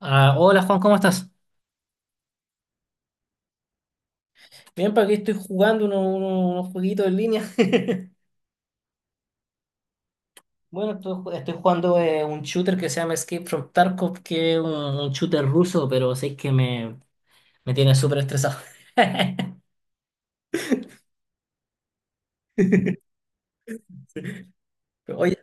Ah, hola Juan, ¿cómo estás? Bien, para aquí estoy jugando unos jueguitos en línea. Bueno, estoy jugando un shooter que se llama Escape from Tarkov, que es un shooter ruso, pero sé que me tiene súper estresado. Oye,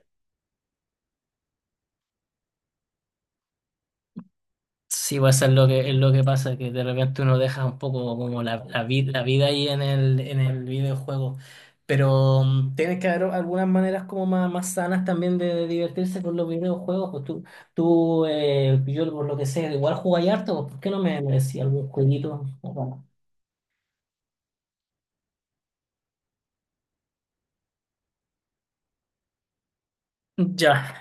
sí, va a ser es lo que pasa, que de repente uno deja un poco como la vida ahí en en el videojuego. Pero tienes que haber algunas maneras como más sanas también de divertirse con los videojuegos. Pues tú yo por lo que sé, igual jugáis harto, pues, ¿por qué no me decís algún jueguito? Bueno, ya,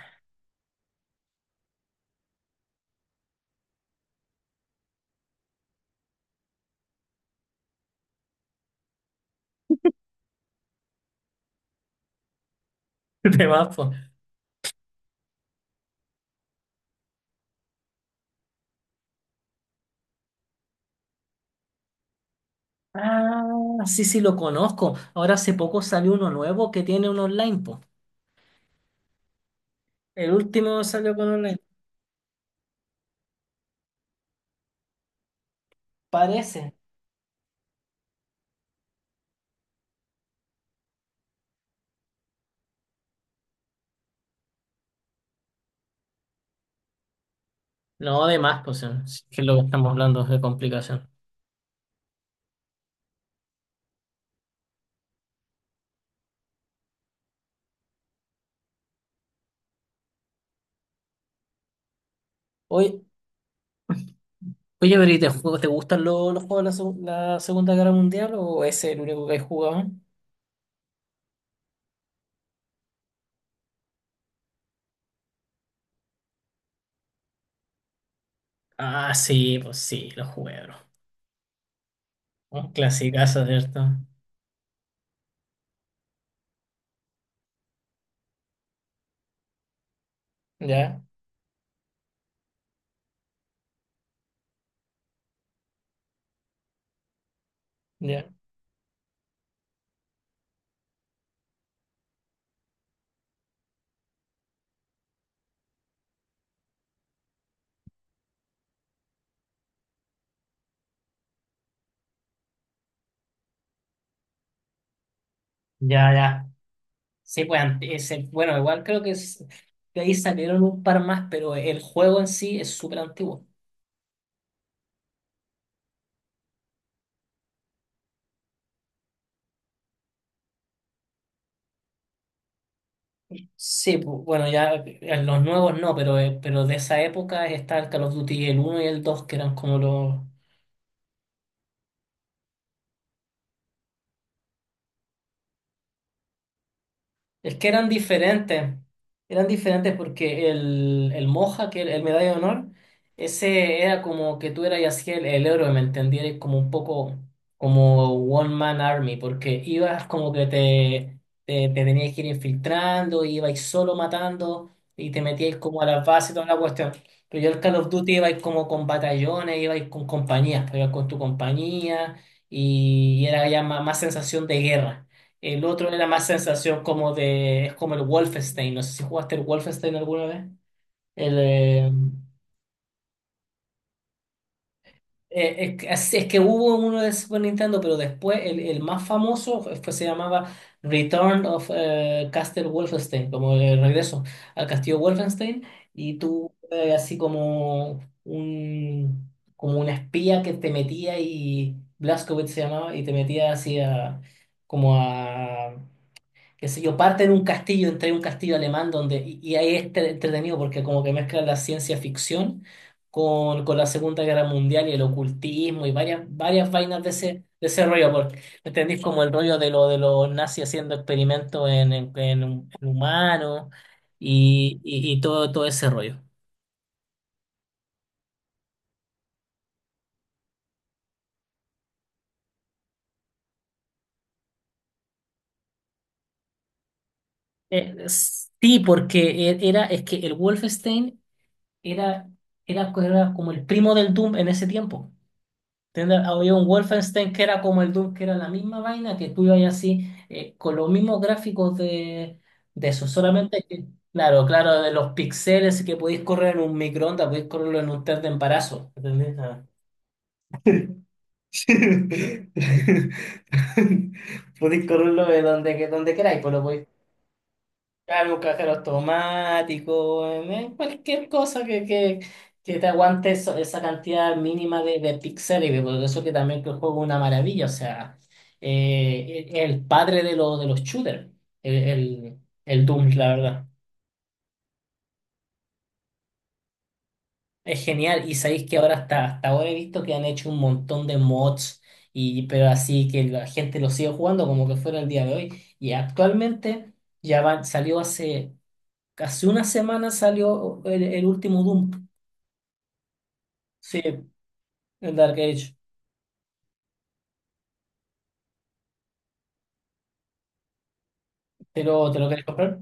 te vas, pues. Ah, sí, sí, lo conozco. Ahora hace poco salió uno nuevo que tiene un online, pues. El último salió con online, parece. No, además, pues, si es que lo que estamos hablando es de complicación. Oye, oye, Bri, ¿ te gustan los juegos de la Segunda Guerra Mundial o ese es el único que he jugado? Ah, sí, pues sí, los jugué, bro. Un clasicazo, ¿cierto? Ya, ya, ya, ya. Sí, pues, bueno, igual creo que de ahí salieron un par más, pero el juego en sí es súper antiguo. Sí, bueno, ya los nuevos no, pero de esa época está el Call of Duty el uno y el 2 que eran como los, es que eran diferentes porque el Moja, que el medalla de honor, ese era como que tú eras y así el héroe, ¿me entendieras? Como un poco como One Man Army, porque ibas como que te tenías que ir infiltrando, ibais solo matando y te metíais como a las bases y toda la cuestión. Pero yo el Call of Duty ibais como con batallones, ibais con compañías, pues, ibas con tu compañía y era ya más sensación de guerra. El otro era más sensación como de, es como el Wolfenstein, no sé si jugaste el Wolfenstein alguna vez. El, eh, es, es que hubo uno de Super Nintendo, pero después el más famoso fue, se llamaba Return of Castle Wolfenstein, como el regreso al castillo Wolfenstein, y tú así como como un espía que te metía y Blazkowicz se llamaba, y te metía así a, como a qué sé yo, parte en un castillo, entre un castillo alemán donde, y ahí es entretenido porque como que mezcla la ciencia ficción con la Segunda Guerra Mundial y el ocultismo y varias vainas de ese rollo, porque ¿me entendís? Como el rollo de lo de los nazis haciendo experimentos en en humanos y todo ese rollo. Eh, sí, porque era, es que el Wolfenstein era, era como el primo del Doom en ese tiempo. Había un Wolfenstein que era como el Doom, que era la misma vaina, que tú ibas así, con los mismos gráficos de eso, solamente que, claro, de los píxeles que podéis correr en un microondas, podéis correrlo en un test de embarazo, ¿entendés? Ah. Podéis correrlo de donde, donde queráis, pues lo podéis. Claro, un cajero automático, cualquier cosa que te aguante esa cantidad mínima de píxeles, por eso que también que el juego es una maravilla, o sea, es el padre de, de los shooters, el, el, el Doom, la verdad. Es genial, y sabéis que ahora hasta ahora he visto que han hecho un montón de mods, y, pero así que la gente lo sigue jugando como que fuera el día de hoy, y actualmente ya van, salió hace... Hace una semana salió el último Doom. Sí, el Dark Age. ¿ te lo quieres comprar?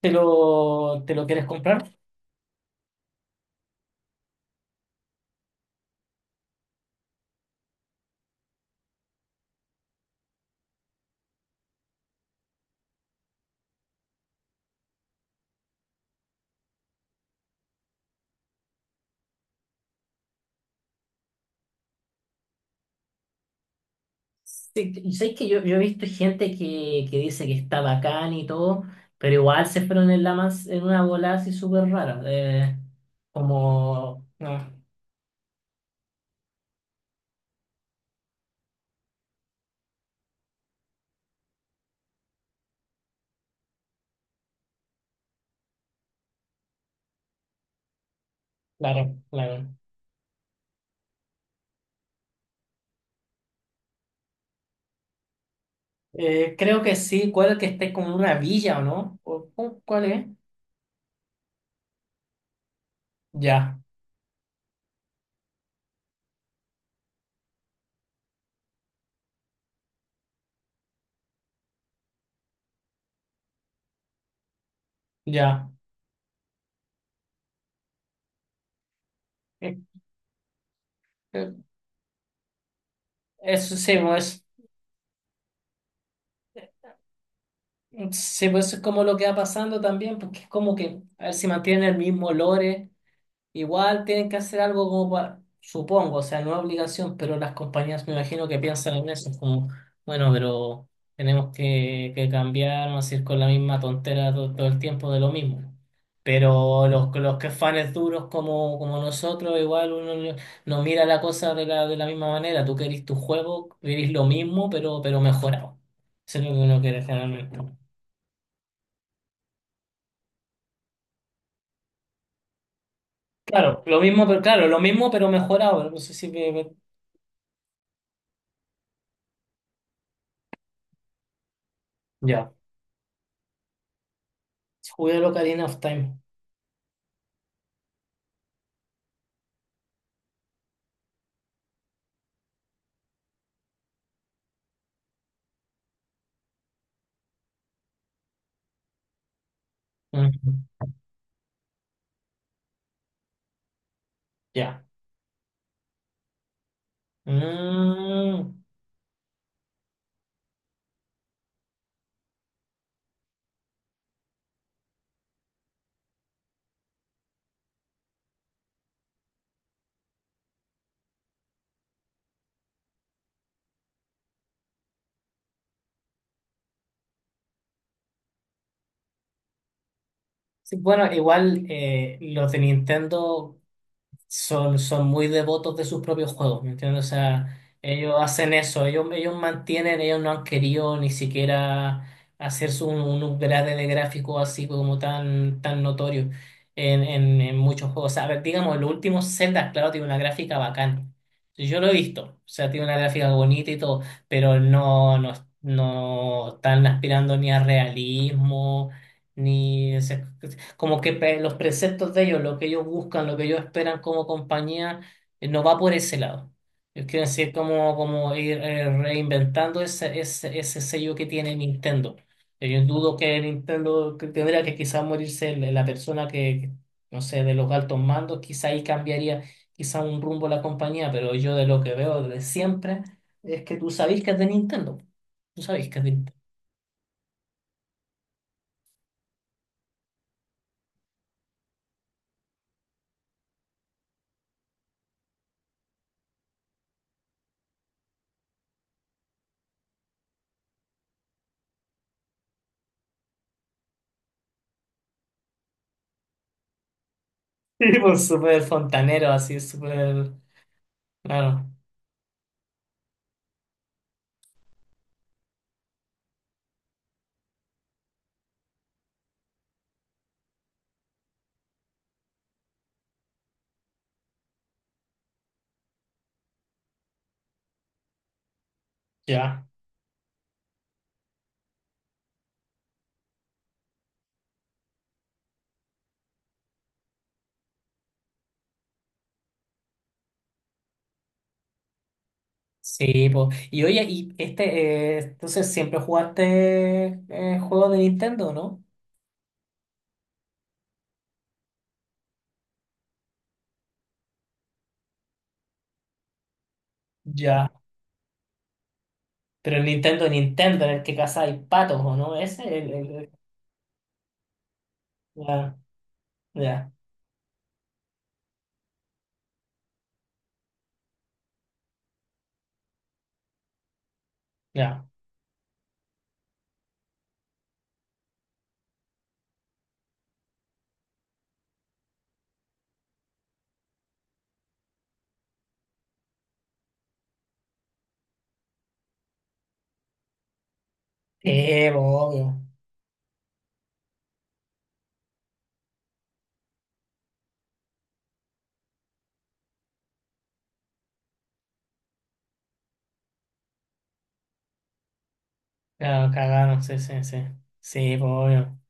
¿ te lo quieres comprar? Sí, y sabes que yo he visto gente que dice que está bacán y todo, pero igual se fueron en la más, en una bola así súper rara. Como Ah, claro, claro. Creo que sí, cuál que esté como en una villa o no. O cuál es? Ya, ya. Eh, eh, eso sí, no es. Sí, pues eso es como lo que va pasando también, porque es como que, a ver si mantienen el mismo lore, igual tienen que hacer algo como para, supongo, o sea, no es obligación, pero las compañías me imagino que piensan en eso, es como, bueno, pero tenemos que cambiar, no decir con la misma tontera todo, el tiempo de lo mismo. Pero los que fans duros como, como nosotros, igual uno no mira la cosa de de la misma manera, tú querís tu juego, querís lo mismo, pero mejorado. Eso es lo que uno quiere generalmente. Claro, lo mismo, pero claro, lo mismo, pero mejorado. No sé si ya. Jugué lo Ocarina of Time. Ujú, ya. Mm. Sí, bueno, igual los de Nintendo son, son muy devotos de sus propios juegos, ¿me entiendes? O sea, ellos hacen eso, ellos mantienen, ellos no han querido ni siquiera hacerse un upgrade de gráfico así como tan notorio en muchos juegos. O sea, a ver, digamos, los últimos Zelda, claro, tiene una gráfica bacán. Sí, yo lo he visto, o sea, tiene una gráfica bonita y todo, pero no, no, no están aspirando ni a realismo, ni como que los preceptos de ellos, lo que ellos buscan, lo que ellos esperan como compañía, no va por ese lado. Yo quiero decir, como, como ir reinventando ese, ese, ese sello que tiene Nintendo. Yo dudo que Nintendo que tendría que quizás morirse la persona no sé, de los altos mandos, quizá ahí cambiaría quizá un rumbo la compañía, pero yo de lo que veo desde siempre es que tú sabés que es de Nintendo. Tú sabés que es de Nintendo. Y pues súper fontanero, así, súper... Claro, ya. Sí, po. Y oye, y este, entonces siempre jugaste juegos de Nintendo, ¿no? Ya. Pero el Nintendo, Nintendo, en el que hay patos, ¿o no? Ese, ya, ya, ya. Sí, po, obvio. Claro, cagaron, sí, sí, sí. Sí, po, obvio.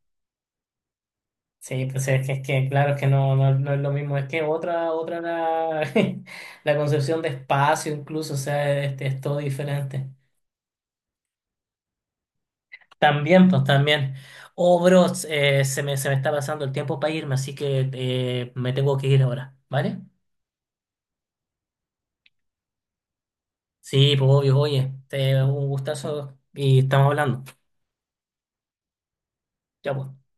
Sí, pues es que claro, es que no, no, no es lo mismo. Es que otra, otra la, la concepción de espacio incluso, o sea, este, es todo diferente. También, pues también. Oh, bro, se me está pasando el tiempo para irme, así que me tengo que ir ahora, ¿vale? Sí, pues obvio, oye, te, un gustazo y estamos hablando. Ya, pues.